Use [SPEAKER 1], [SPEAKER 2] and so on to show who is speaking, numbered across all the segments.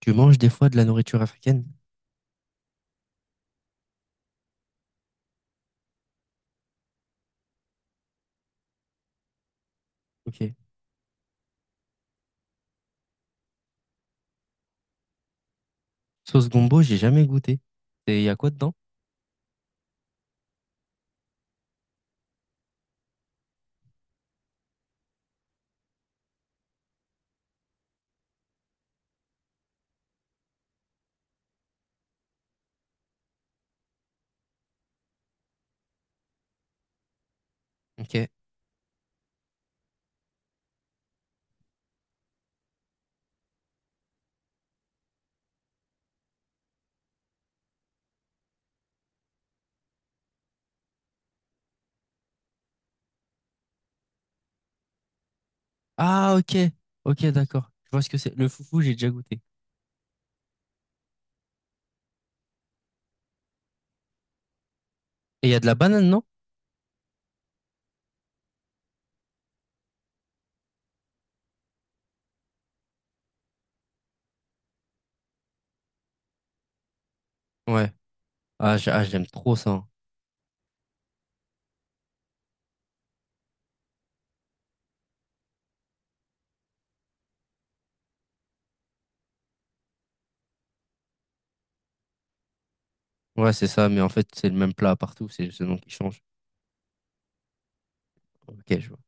[SPEAKER 1] Tu manges des fois de la nourriture africaine? Ok. Sauce gombo, j'ai jamais goûté. Et il y a quoi dedans? Ok. Ah, ok. Ok, d'accord. Je vois ce que c'est. Le foufou, j'ai déjà goûté. Et il y a de la banane, non? Ouais. Ah, j'aime trop ça, hein. Ouais, c'est ça, mais en fait, c'est le même plat partout. C'est juste le nom qui change. Ok, je vois.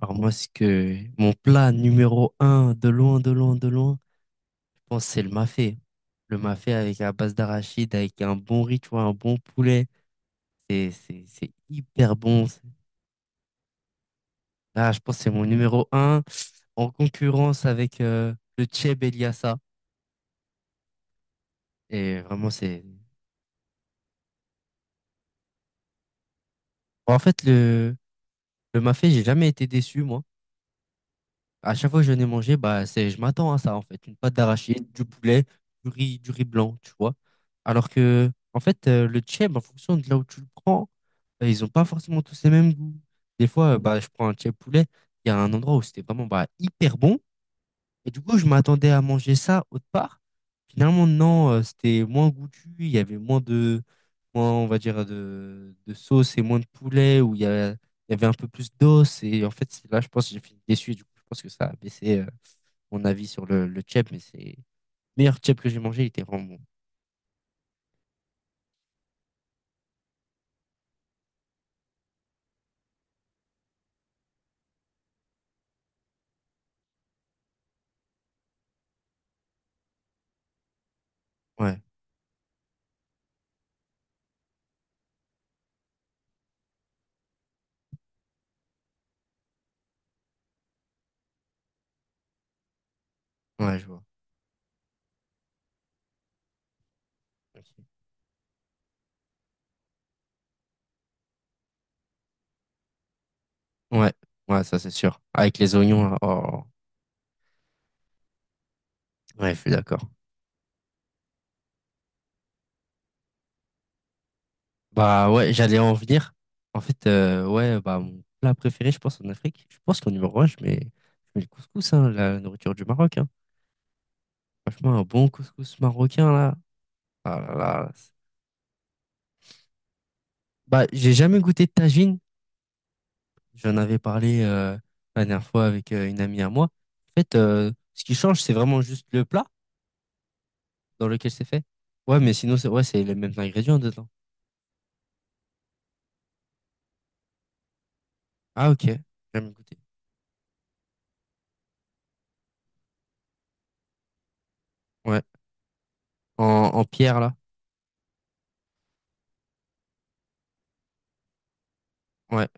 [SPEAKER 1] Alors, moi, ce que... Mon plat numéro un, de loin, de loin, de loin, je pense que c'est le mafé. Le mafé avec la base d'arachide, avec un bon riz, tu vois, un bon poulet. C'est hyper bon. Ah, je pense que c'est mon numéro un en concurrence avec le Cheb Eliassa. Et vraiment, c'est... Bon, en fait, le mafé, j'ai jamais été déçu, moi. À chaque fois que je n'ai mangé, bah, c'est, je m'attends à ça, en fait. Une pâte d'arachide, du poulet, du riz blanc, tu vois. Alors que, en fait, le Cheb, en fonction de là où tu le prends, ils ont pas forcément tous les mêmes goûts. Des fois, bah, je prends un Cheb poulet, il y a un endroit où c'était vraiment bah, hyper bon. Et du coup, je m'attendais à manger ça autre part. Finalement, non, c'était moins goûtu, il y avait moins de, moins, on va dire, de sauce et moins de poulet, où il y a- il y avait un peu plus d'os. Et en fait, c'est là, je pense que j'ai fini déçu. Et du coup, je pense que ça a baissé mon avis sur le tchèp, mais c'est le meilleur tchèp que j'ai mangé, il était vraiment bon. Ouais, ouais, je vois. Ok. Ouais, ouais, ça c'est sûr. Avec les oignons, là, oh. Ouais, je suis d'accord. Bah ouais, j'allais en venir. En fait, ouais, bah mon plat préféré, je pense, en Afrique, je pense qu'en numéro un, je mets le couscous, hein, la nourriture du Maroc, hein. Franchement, un bon couscous marocain, là. Ah là là. Bah, j'ai jamais goûté de tagine. J'en avais parlé la dernière fois avec une amie à moi. En fait, ce qui change, c'est vraiment juste le plat dans lequel c'est fait. Ouais, mais sinon, c'est ouais, c'est les mêmes ingrédients dedans. Ah, ok. Jamais goûté. Ouais. En, en pierre, là. Ouais,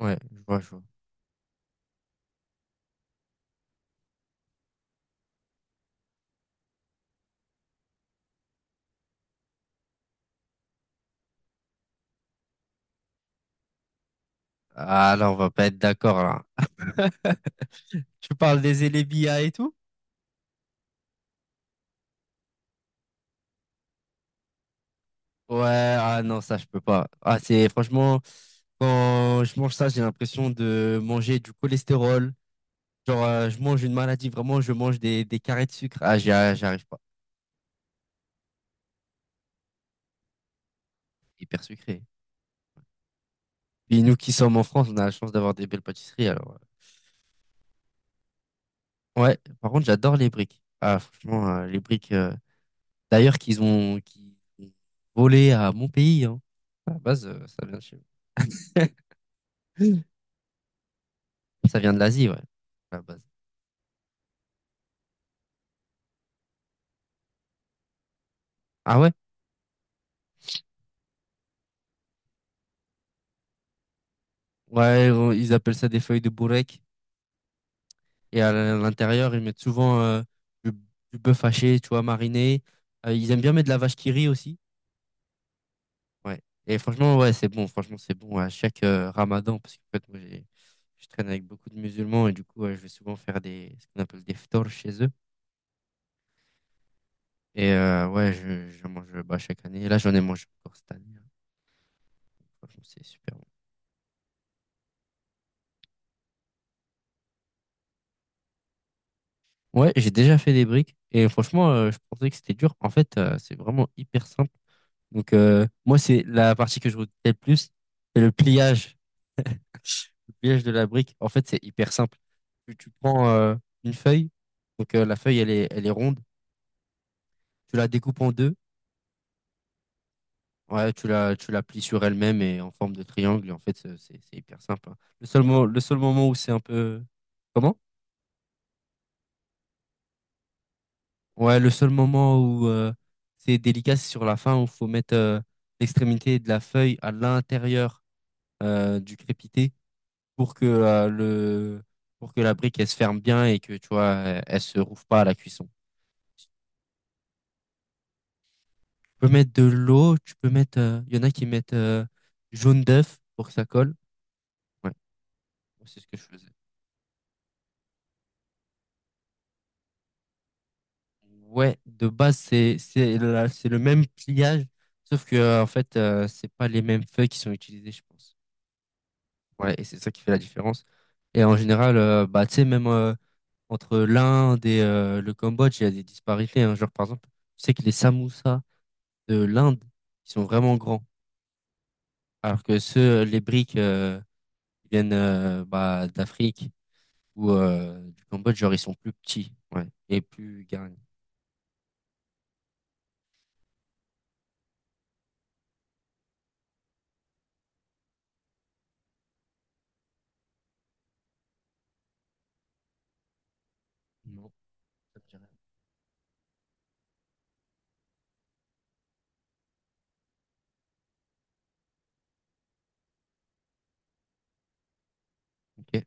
[SPEAKER 1] ouais, je vois, je vois. Ah là, on va pas être d'accord là. Tu parles des élébia et tout? Ouais, ah non, ça je peux pas. Ah, c'est franchement, quand je mange ça, j'ai l'impression de manger du cholestérol. Genre, je mange une maladie, vraiment, je mange des carrés de sucre. Ah, j'arrive pas. Hyper sucré. Puis nous qui sommes en France, on a la chance d'avoir des belles pâtisseries. Alors, ouais, par contre, j'adore les briques. Ah, franchement, les briques, d'ailleurs, qu'ils ont volé à mon pays. Hein. À la base, ça vient de chez nous. Ça vient de l'Asie, ouais, à la base. Ah ouais? Ouais, ils appellent ça des feuilles de bourrec. À l'intérieur, ils mettent souvent du, du bœuf haché, tu vois, mariné. Ils aiment bien mettre de la vache qui rit aussi. Ouais. Et franchement, ouais, c'est bon. Franchement, c'est bon à chaque ramadan. Parce qu'en fait, moi, je traîne avec beaucoup de musulmans. Et du coup, ouais, je vais souvent faire des, ce qu'on appelle des ftors chez eux. Et ouais, je mange bah, chaque année. Et là, j'en ai mangé encore cette année, hein. Franchement, c'est super bon. Ouais, j'ai déjà fait des briques et franchement, je pensais que c'était dur. En fait, c'est vraiment hyper simple. Donc, moi, c'est la partie que je retiens le plus, c'est le pliage. Le pliage de la brique, en fait, c'est hyper simple. Tu prends une feuille, donc la feuille, elle est ronde, tu la découpes en deux, ouais, tu la plies sur elle-même et en forme de triangle. Et en fait, c'est hyper simple, hein. Le seul moment où c'est un peu... Comment? Ouais, le seul moment où c'est délicat, c'est sur la fin où il faut mettre l'extrémité de la feuille à l'intérieur du crépité pour que le pour que la brique elle se ferme bien et que tu vois elle se rouvre pas à la cuisson. Tu peux mettre de l'eau, tu peux mettre il y en a qui mettent jaune d'œuf pour que ça colle. Ouais, moi, c'est ce que je faisais. Ouais, de base c'est le même pliage sauf que en fait c'est pas les mêmes feuilles qui sont utilisées, je pense. Ouais, et c'est ça qui fait la différence. Et en général, bah, tu sais, même entre l'Inde et le Cambodge, il y a des disparités, hein. Genre, par exemple, je sais que les samoussas de l'Inde, ils sont vraiment grands. Alors que ceux, les briques qui viennent bah, d'Afrique ou du Cambodge, genre, ils sont plus petits. Ouais, et plus garnis. Non, ça me dit rien. Ok,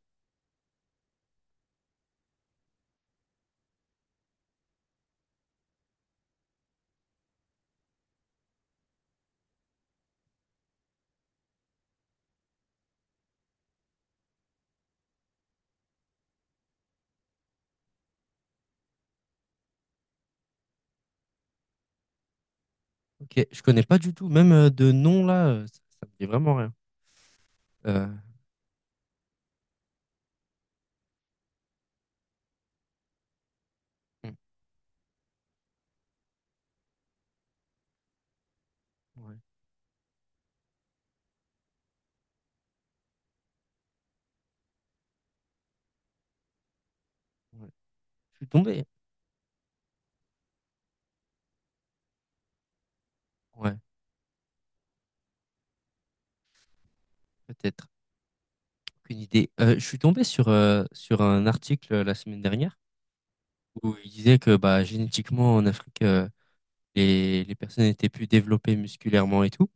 [SPEAKER 1] ok. Je connais pas du tout. Même de nom, là, ça me dit vraiment rien. Euh, hmm, ouais, ouais. Je suis tombé. Ouais, peut-être. Aucune idée. Je suis tombé sur, sur un article la semaine dernière où il disait que bah, génétiquement en Afrique, les personnes étaient plus développées musculairement et tout.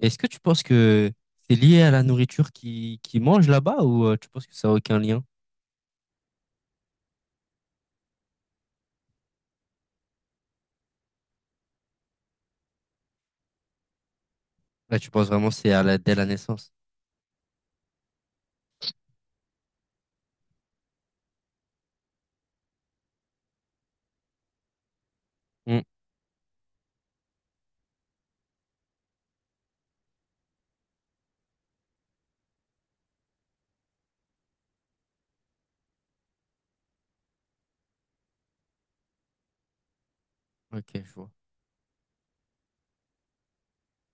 [SPEAKER 1] Est-ce que tu penses que c'est lié à la nourriture qu'ils qui mangent là-bas ou tu penses que ça n'a aucun lien? Là, tu penses vraiment que c'est à la, dès la naissance? Hmm, ok, je vois.